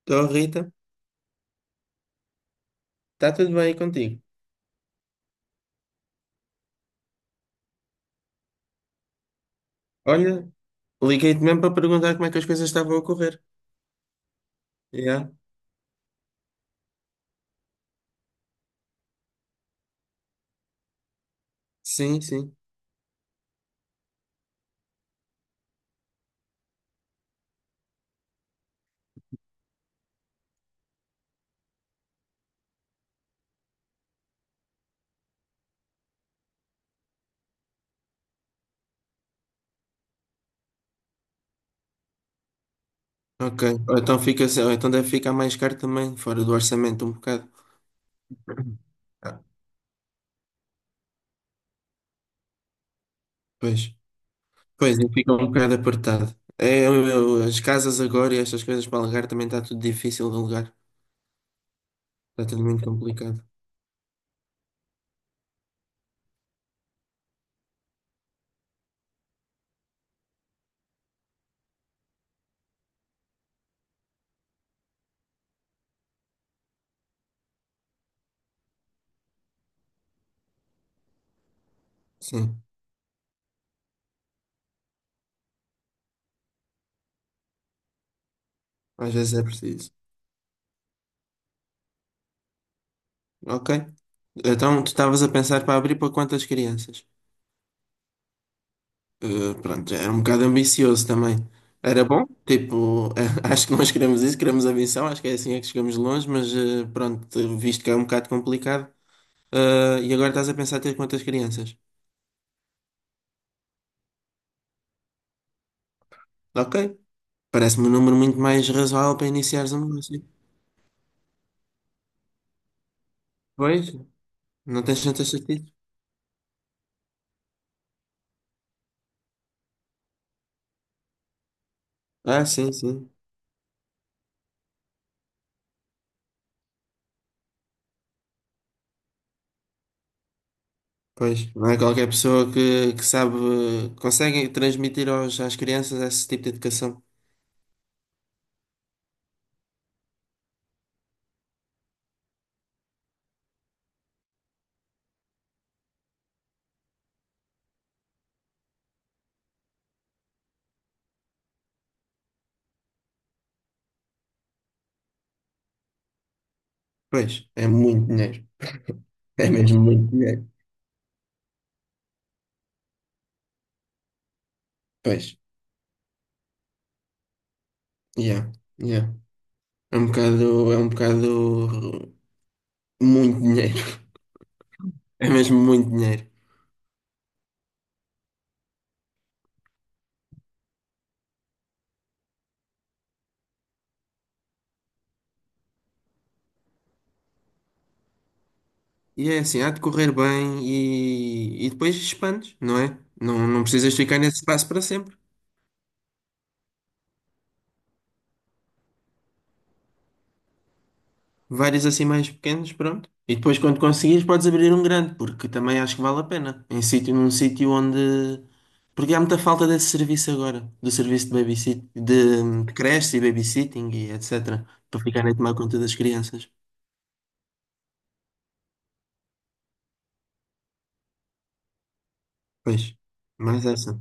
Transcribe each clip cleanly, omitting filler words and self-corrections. Estou, Rita. Está tudo bem aí contigo? Olha, liguei-te mesmo para perguntar como é que as coisas estavam a ocorrer. Yeah. Sim, sim. Ok. Ou então fica, ou então deve ficar mais caro também, fora do orçamento um bocado. Ah, pois. Pois, e fica um bocado apertado. É, as casas agora e estas coisas para alugar também está tudo difícil de alugar. Está tudo muito complicado. Sim, às vezes é preciso. Ok. Então, tu estavas a pensar para abrir para quantas crianças? Pronto, é um bocado ambicioso também. Era bom, tipo, acho que nós queremos isso, queremos a acho que é assim é que chegamos longe, mas pronto, visto que é um bocado complicado, e agora estás a pensar ter quantas crianças? Ok, parece-me um número muito mais razoável para iniciares um negócio. Pois, não tens tantas estatísticas? Ah, sim, sim. Pois, não é qualquer pessoa que sabe, consegue transmitir aos, às crianças esse tipo de educação. Pois, é muito dinheiro. É mesmo muito dinheiro. Pois, yeah. Yeah. É um bocado muito dinheiro. É mesmo muito dinheiro. E é assim, há de correr bem e depois expandes, não é? Não, não precisas ficar nesse espaço para sempre. Vários assim mais pequenos, pronto. E depois quando conseguires podes abrir um grande, porque também acho que vale a pena. Num sítio onde. Porque há muita falta desse serviço agora, do serviço de babysit, de creche e babysitting e etc. Para ficarem a tomar conta das crianças. Pois, mais essa.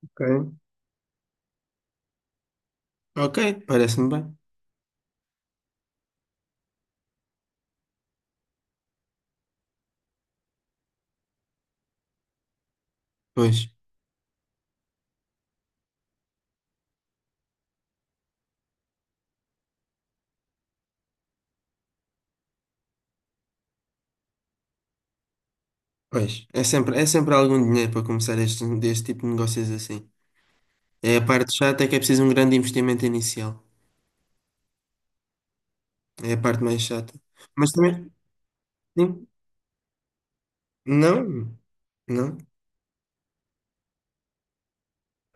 Ok. Ok, parece-me bem. Pois, pois. É sempre algum dinheiro para começar deste tipo de negócios assim. É a parte chata, é que é preciso um grande investimento inicial. É a parte mais chata. Mas também, sim, não, não.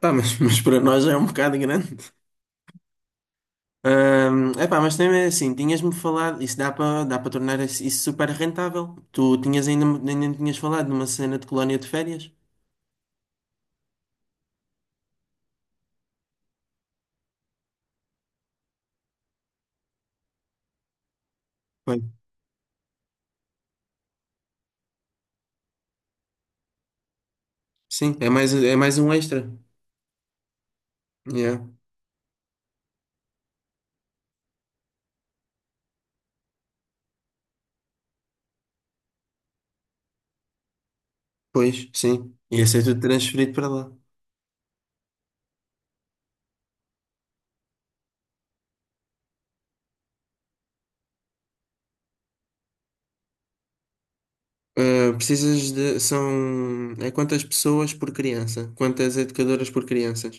Pá, mas, mas para nós é um bocado grande. Epá, mas também é assim, tinhas-me falado, isso dá para tornar isso super rentável. Tu tinhas ainda me tinhas falado numa cena de colónia de férias? Foi. Sim, é mais um extra. Yeah. Pois, sim. Ia ser tudo transferido para lá. Ah, precisas de. São. É quantas pessoas por criança? Quantas educadoras por criança?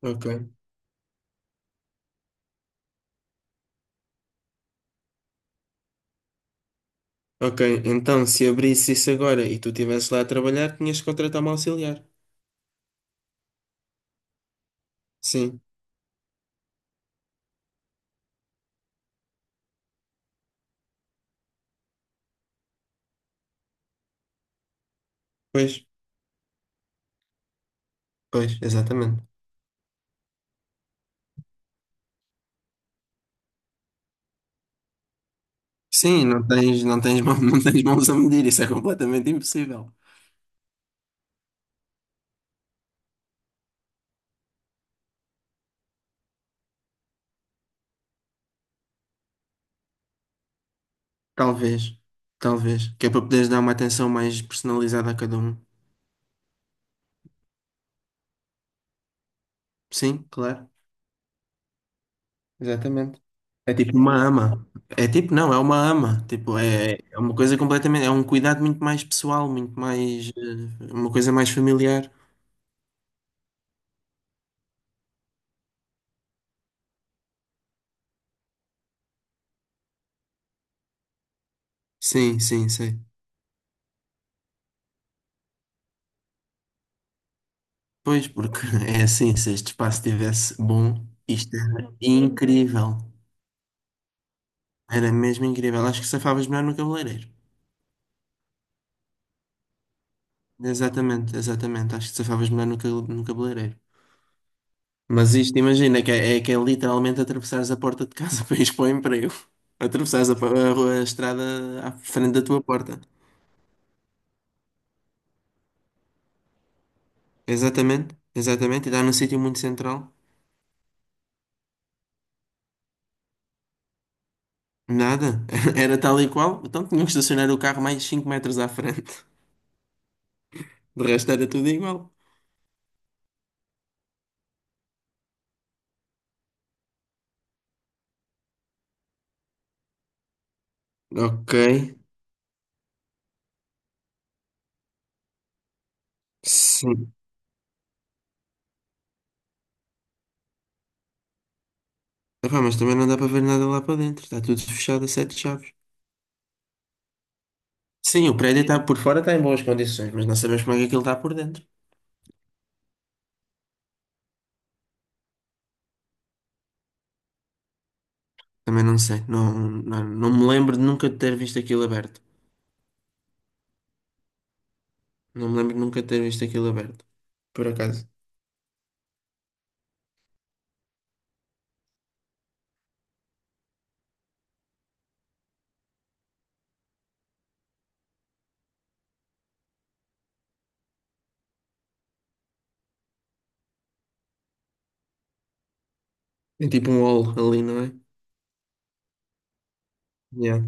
Ok, ok. Então, se abrisse isso agora e tu estivesse lá a trabalhar, tinhas que contratar uma auxiliar. Sim, pois, pois, exatamente. Sim, não tens, não tens mãos a medir, isso é completamente impossível. Talvez, talvez, que é para poderes dar uma atenção mais personalizada a cada um. Sim, claro, exatamente. É tipo uma ama. É tipo, não, é uma ama. Tipo, é uma coisa completamente, é um cuidado muito mais pessoal, muito mais, uma coisa mais familiar. Sim, sim, sim. Pois, porque é assim, se este espaço estivesse bom, isto era incrível. Era mesmo incrível. Acho que safavas melhor no cabeleireiro. Exatamente, exatamente. Acho que safavas melhor no cabeleireiro. Mas isto, imagina, é que é literalmente atravessares a porta de casa para ir para o emprego. Atravessares a, pa- a rua- a estrada à frente da tua porta. Exatamente, exatamente. E dá num sítio muito central. Nada. Era tal e qual. Então tinham que estacionar o carro mais 5 metros à frente. De resto era tudo igual. Ok. Sim. Epá, mas também não dá para ver nada lá para dentro. Está tudo fechado a sete chaves. Sim, o prédio está por fora está em boas condições, mas não sabemos como é que aquilo está por dentro. Também não sei. Não, não, não me lembro de nunca ter visto aquilo aberto. Não me lembro de nunca ter visto aquilo aberto. Por acaso. É tipo um hall ali, não é? Yeah.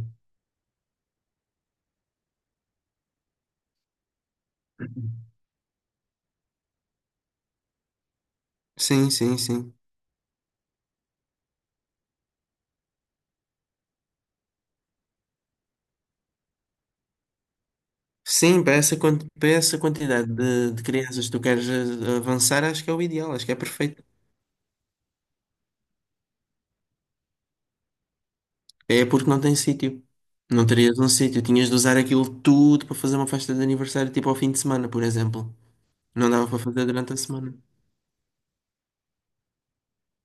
Sim, sim, sim. Sim, para essa quantidade de crianças que tu queres avançar, acho que é o ideal, acho que é perfeito. É porque não tem sítio. Não terias um sítio. Tinhas de usar aquilo tudo para fazer uma festa de aniversário, tipo ao fim de semana, por exemplo. Não dava para fazer durante a semana.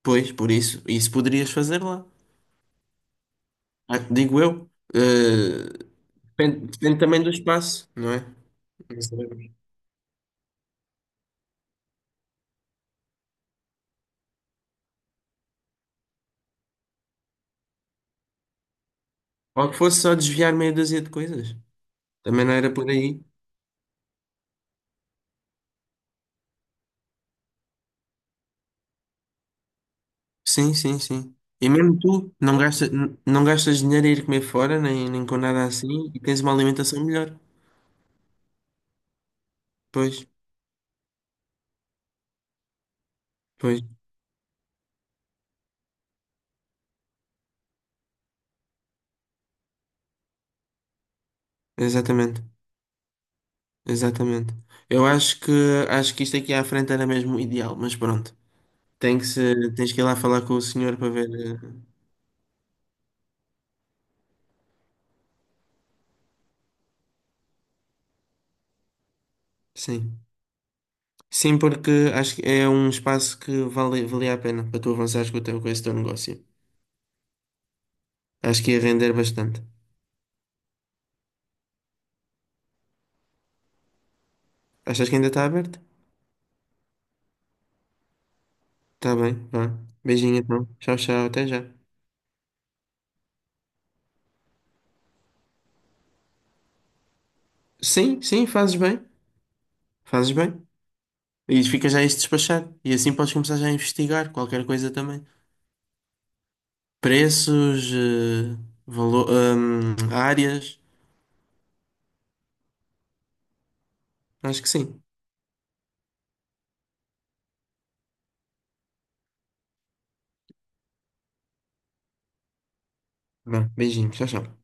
Pois, por isso, isso poderias fazer lá. Ah, digo eu. Depende também do espaço, não é? Não sabemos. Ou que fosse só desviar meia dúzia de coisas. Também não era por aí. Sim, sim, sim. E mesmo tu não gastas, não gastas dinheiro a ir comer fora, nem com nada assim, e tens uma alimentação melhor. Pois, pois, exatamente. Exatamente. Eu acho que isto aqui à frente era mesmo o ideal, mas pronto. Tem que ser, tens que ir lá falar com o senhor para ver. Sim. Sim, porque acho que é um espaço que valia a pena para tu avançares com com esse teu negócio. Acho que ia render bastante. Achas que ainda está aberto? Está bem, vá. Beijinho então. Tchau, tchau, até já. Sim, sim, fazes bem. Fazes bem. E fica já isto despachado. E assim podes começar já a investigar qualquer coisa também. Preços, áreas. Acho que sim. Tá bom, beijinho, tchau, tchau.